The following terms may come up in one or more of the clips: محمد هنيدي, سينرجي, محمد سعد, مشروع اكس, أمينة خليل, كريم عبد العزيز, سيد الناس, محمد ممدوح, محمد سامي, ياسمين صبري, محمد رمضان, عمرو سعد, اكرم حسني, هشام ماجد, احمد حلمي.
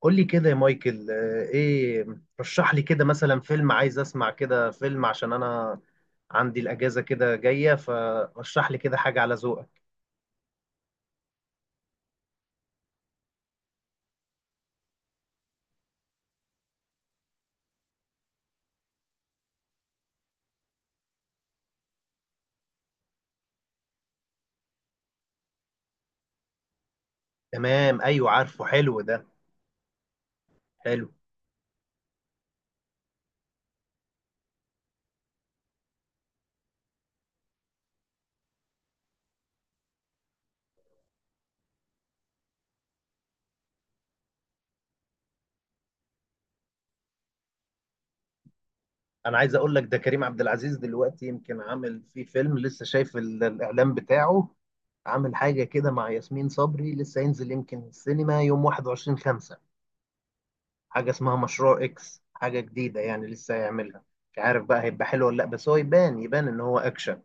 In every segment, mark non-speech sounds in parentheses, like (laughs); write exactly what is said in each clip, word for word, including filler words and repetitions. قول لي كده يا مايكل آه، ايه. رشح لي كده مثلا فيلم، عايز اسمع كده فيلم عشان انا عندي الاجازه كده جايه، فرشح لي كده حاجه على ذوقك. تمام، ايوه عارفه، حلو ده، حلو. انا عايز اقول لك ده كريم عبد العزيز دلوقتي يمكن عامل فيه فيلم لسه، شايف ال- الاعلان بتاعه. عامل حاجه كده مع ياسمين صبري، لسه هينزل يمكن السينما يوم واحد وعشرين خمسة. حاجه اسمها مشروع اكس، حاجه جديده يعني لسه هيعملها. مش عارف بقى هيبقى حلو ولا لا، بس هو يبان يبان ان هو اكشن.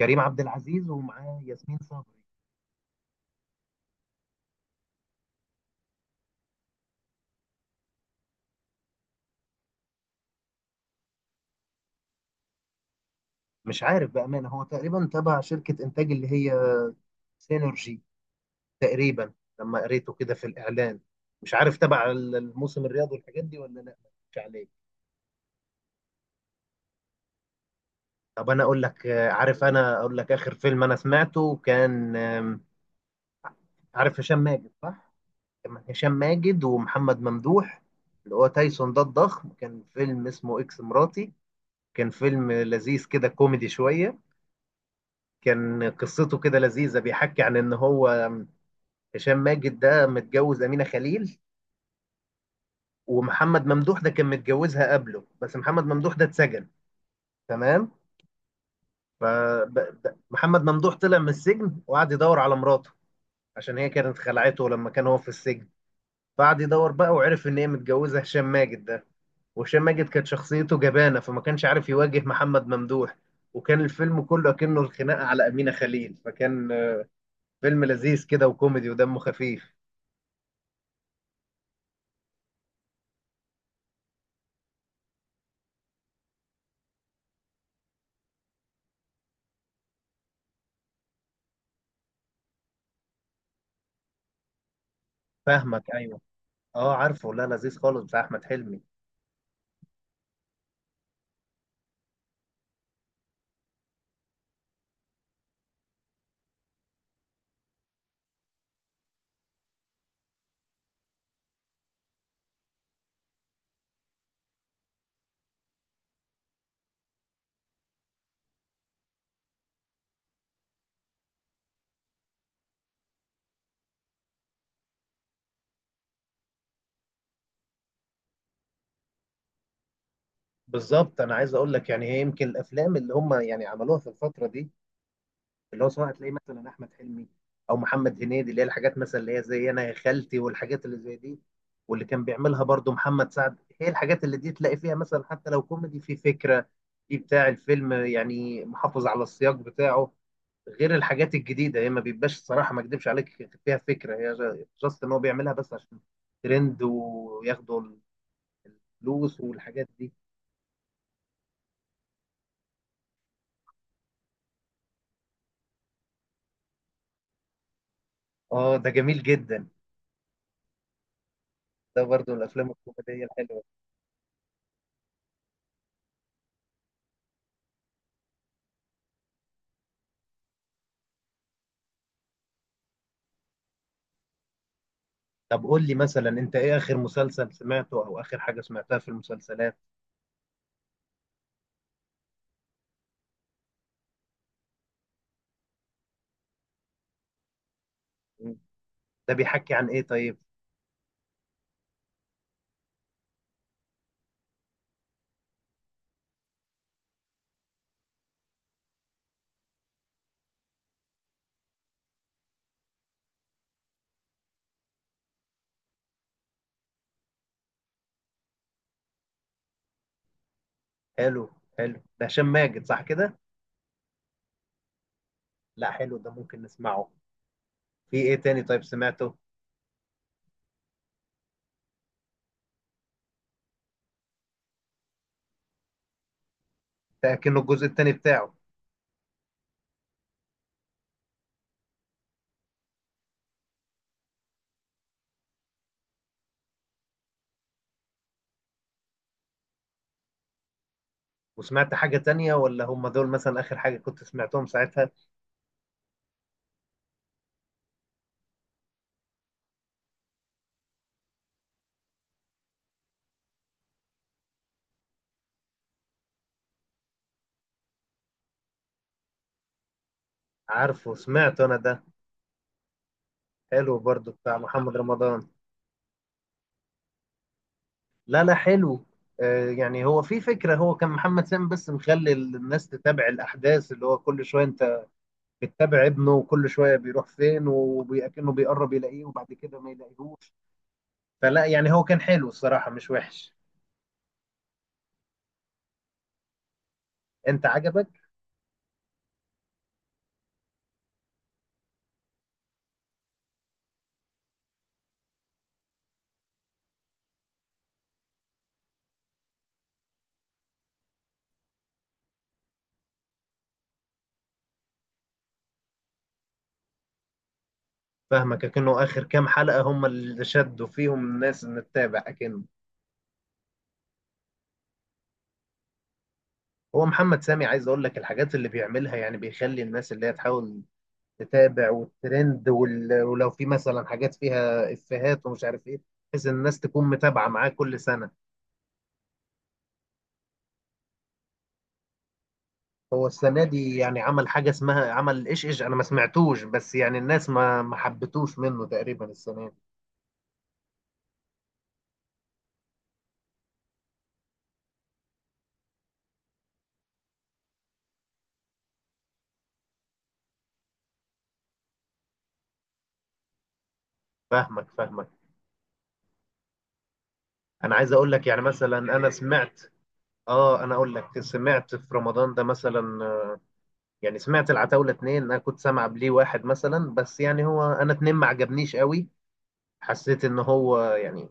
كريم عبد العزيز ومعاه ياسمين صبري. مش عارف بأمانة، هو تقريبا تبع شركة إنتاج اللي هي سينرجي تقريبا، لما قريته كده في الإعلان. مش عارف تبع الموسم الرياضي والحاجات دي ولا لا، مش عليه. طب أنا أقول لك، آه، عارف، أنا أقول لك آخر فيلم أنا سمعته كان، آم، عارف هشام ماجد صح؟ كان هشام ماجد ومحمد ممدوح اللي هو تايسون ده الضخم. كان فيلم اسمه إكس مراتي، كان فيلم لذيذ كده، كوميدي شوية. كان قصته كده لذيذة، بيحكي عن إن هو هشام ماجد ده متجوز أمينة خليل، ومحمد ممدوح ده كان متجوزها قبله، بس محمد ممدوح ده اتسجن. تمام. فمحمد ممدوح طلع من السجن وقعد يدور على مراته، عشان هي كانت خلعته لما كان هو في السجن. فقعد يدور بقى وعرف إن هي متجوزة هشام ماجد ده. وهشام ماجد كانت شخصيته جبانة، فما كانش عارف يواجه محمد ممدوح. وكان الفيلم كله كأنه الخناقة على أمينة خليل، فكان فيلم لذيذ كده وكوميدي ودمه خفيف. فاهمك، ايوه. اه عارفه، لا لذيذ خالص بتاع احمد حلمي. بالظبط، انا عايز اقول لك يعني، هي يمكن الافلام اللي هم يعني عملوها في الفتره دي، اللي هو سواء تلاقي مثلا احمد حلمي او محمد هنيدي، اللي هي الحاجات مثلا اللي هي زي انا يا خالتي والحاجات اللي زي دي، واللي كان بيعملها برضو محمد سعد، هي الحاجات اللي دي تلاقي فيها مثلا حتى لو كوميدي في فكره، في بتاع الفيلم يعني، محافظ على السياق بتاعه. غير الحاجات الجديده هي ما بيبقاش، الصراحه ما اكدبش عليك، فيها فكره، هي جاست ان هو بيعملها بس عشان ترند وياخدوا الفلوس والحاجات دي. اه ده جميل جدا، ده برضو الافلام الكوميديه الحلوه. طب قول لي مثلا انت، ايه اخر مسلسل سمعته او اخر حاجه سمعتها في المسلسلات؟ مم. ده بيحكي عن ايه طيب؟ حلو، حلو، ده هشام ماجد صح كده؟ لا حلو ده، ممكن نسمعه. في ايه تاني طيب سمعته؟ ده كأنه الجزء التاني بتاعه. وسمعت حاجة تانية ولا هم دول مثلا آخر حاجة كنت سمعتهم ساعتها؟ عارفه سمعت أنا ده، حلو برضو بتاع محمد رمضان. لا لا حلو، آه، يعني هو في فكرة، هو كان محمد سامي بس مخلي الناس تتابع الأحداث، اللي هو كل شوية أنت بتتابع ابنه وكل شوية بيروح فين وكأنه بيقرب يلاقيه وبعد كده ما يلاقيهوش. فلا يعني هو كان حلو الصراحة، مش وحش. أنت عجبك؟ فاهمك، أكنه آخر كام حلقة هم اللي شدوا فيهم الناس إن تتابع، أكنه هو محمد سامي عايز أقول لك الحاجات اللي بيعملها، يعني بيخلي الناس اللي هي تحاول تتابع والترند وال... ولو في مثلا حاجات فيها افيهات ومش عارف ايه، بحيث ان الناس تكون متابعه معاه كل سنه. هو السنه دي يعني عمل حاجه اسمها عمل ايش ايش، انا ما سمعتوش، بس يعني الناس ما ما حبتوش منه تقريبا السنه دي. فاهمك فاهمك، انا عايز اقول لك يعني مثلا انا سمعت. اه انا اقول لك، سمعت في رمضان ده مثلا، آه، يعني سمعت العتاوله اتنين، انا كنت سامع بليه واحد مثلا، بس يعني هو انا اتنين ما عجبنيش قوي، حسيت ان هو يعني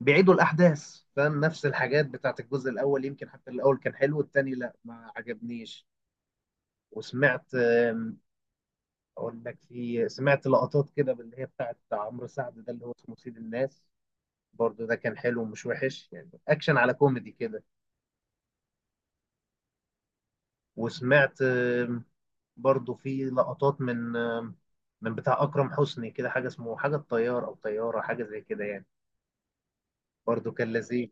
بيعيدوا الاحداث، فاهم، نفس الحاجات بتاعت الجزء الاول، يمكن حتى الاول كان حلو، التاني لا ما عجبنيش. وسمعت، آم، اقول لك، في سمعت لقطات كده اللي هي بتاعت عمرو سعد ده اللي هو اسمه سيد الناس. برضه ده كان حلو، ومش وحش، يعني اكشن على كوميدي كده. وسمعت، آم، برضه في لقطات من، آم، من بتاع اكرم حسني كده، حاجه اسمه حاجه الطيار او طياره حاجه زي كده يعني، برضه كان لذيذ.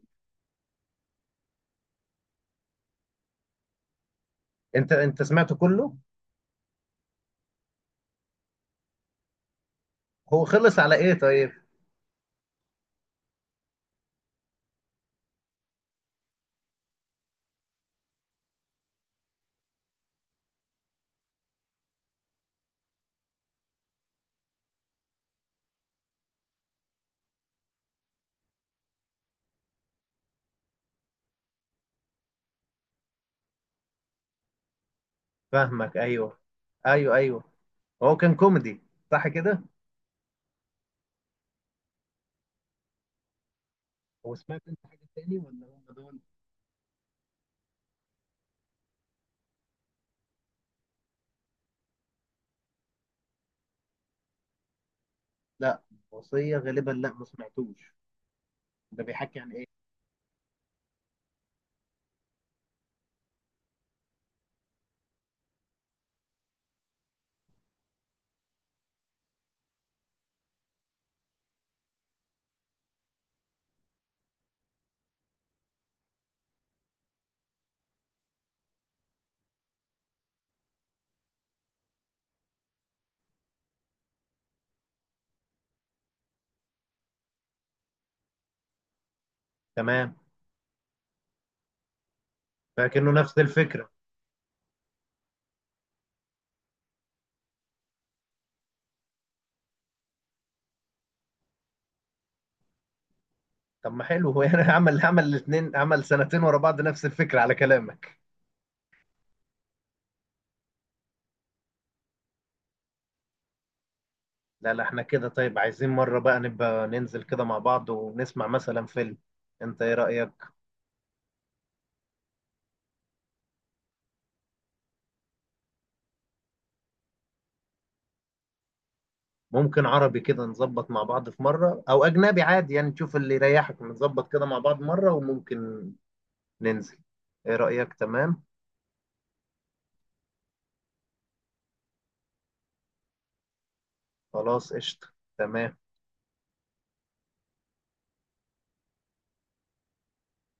انت انت سمعته كله؟ هو خلص على ايه طيب؟ فاهمك، ايوه، ايوه، ايوه. هو كان كوميدي صح كده؟ هو سمعت انت حاجه تاني ولا هم دول؟ لا، وصيه غالبا لا ما سمعتوش. ده بيحكي عن ايه؟ تمام، فكأنه نفس الفكره. طب ما حلو هو يعني، (laughs) عمل عمل الاثنين، عمل سنتين ورا بعض نفس الفكره على كلامك. لا لا احنا كده طيب، عايزين مره بقى نبقى ننزل كده مع بعض ونسمع مثلا فيلم. انت ايه رأيك؟ ممكن عربي كده نظبط مع بعض في مرة، او اجنبي عادي يعني تشوف اللي يريحك، نظبط كده مع بعض مرة وممكن ننزل. ايه رأيك؟ تمام. خلاص قشطة، تمام.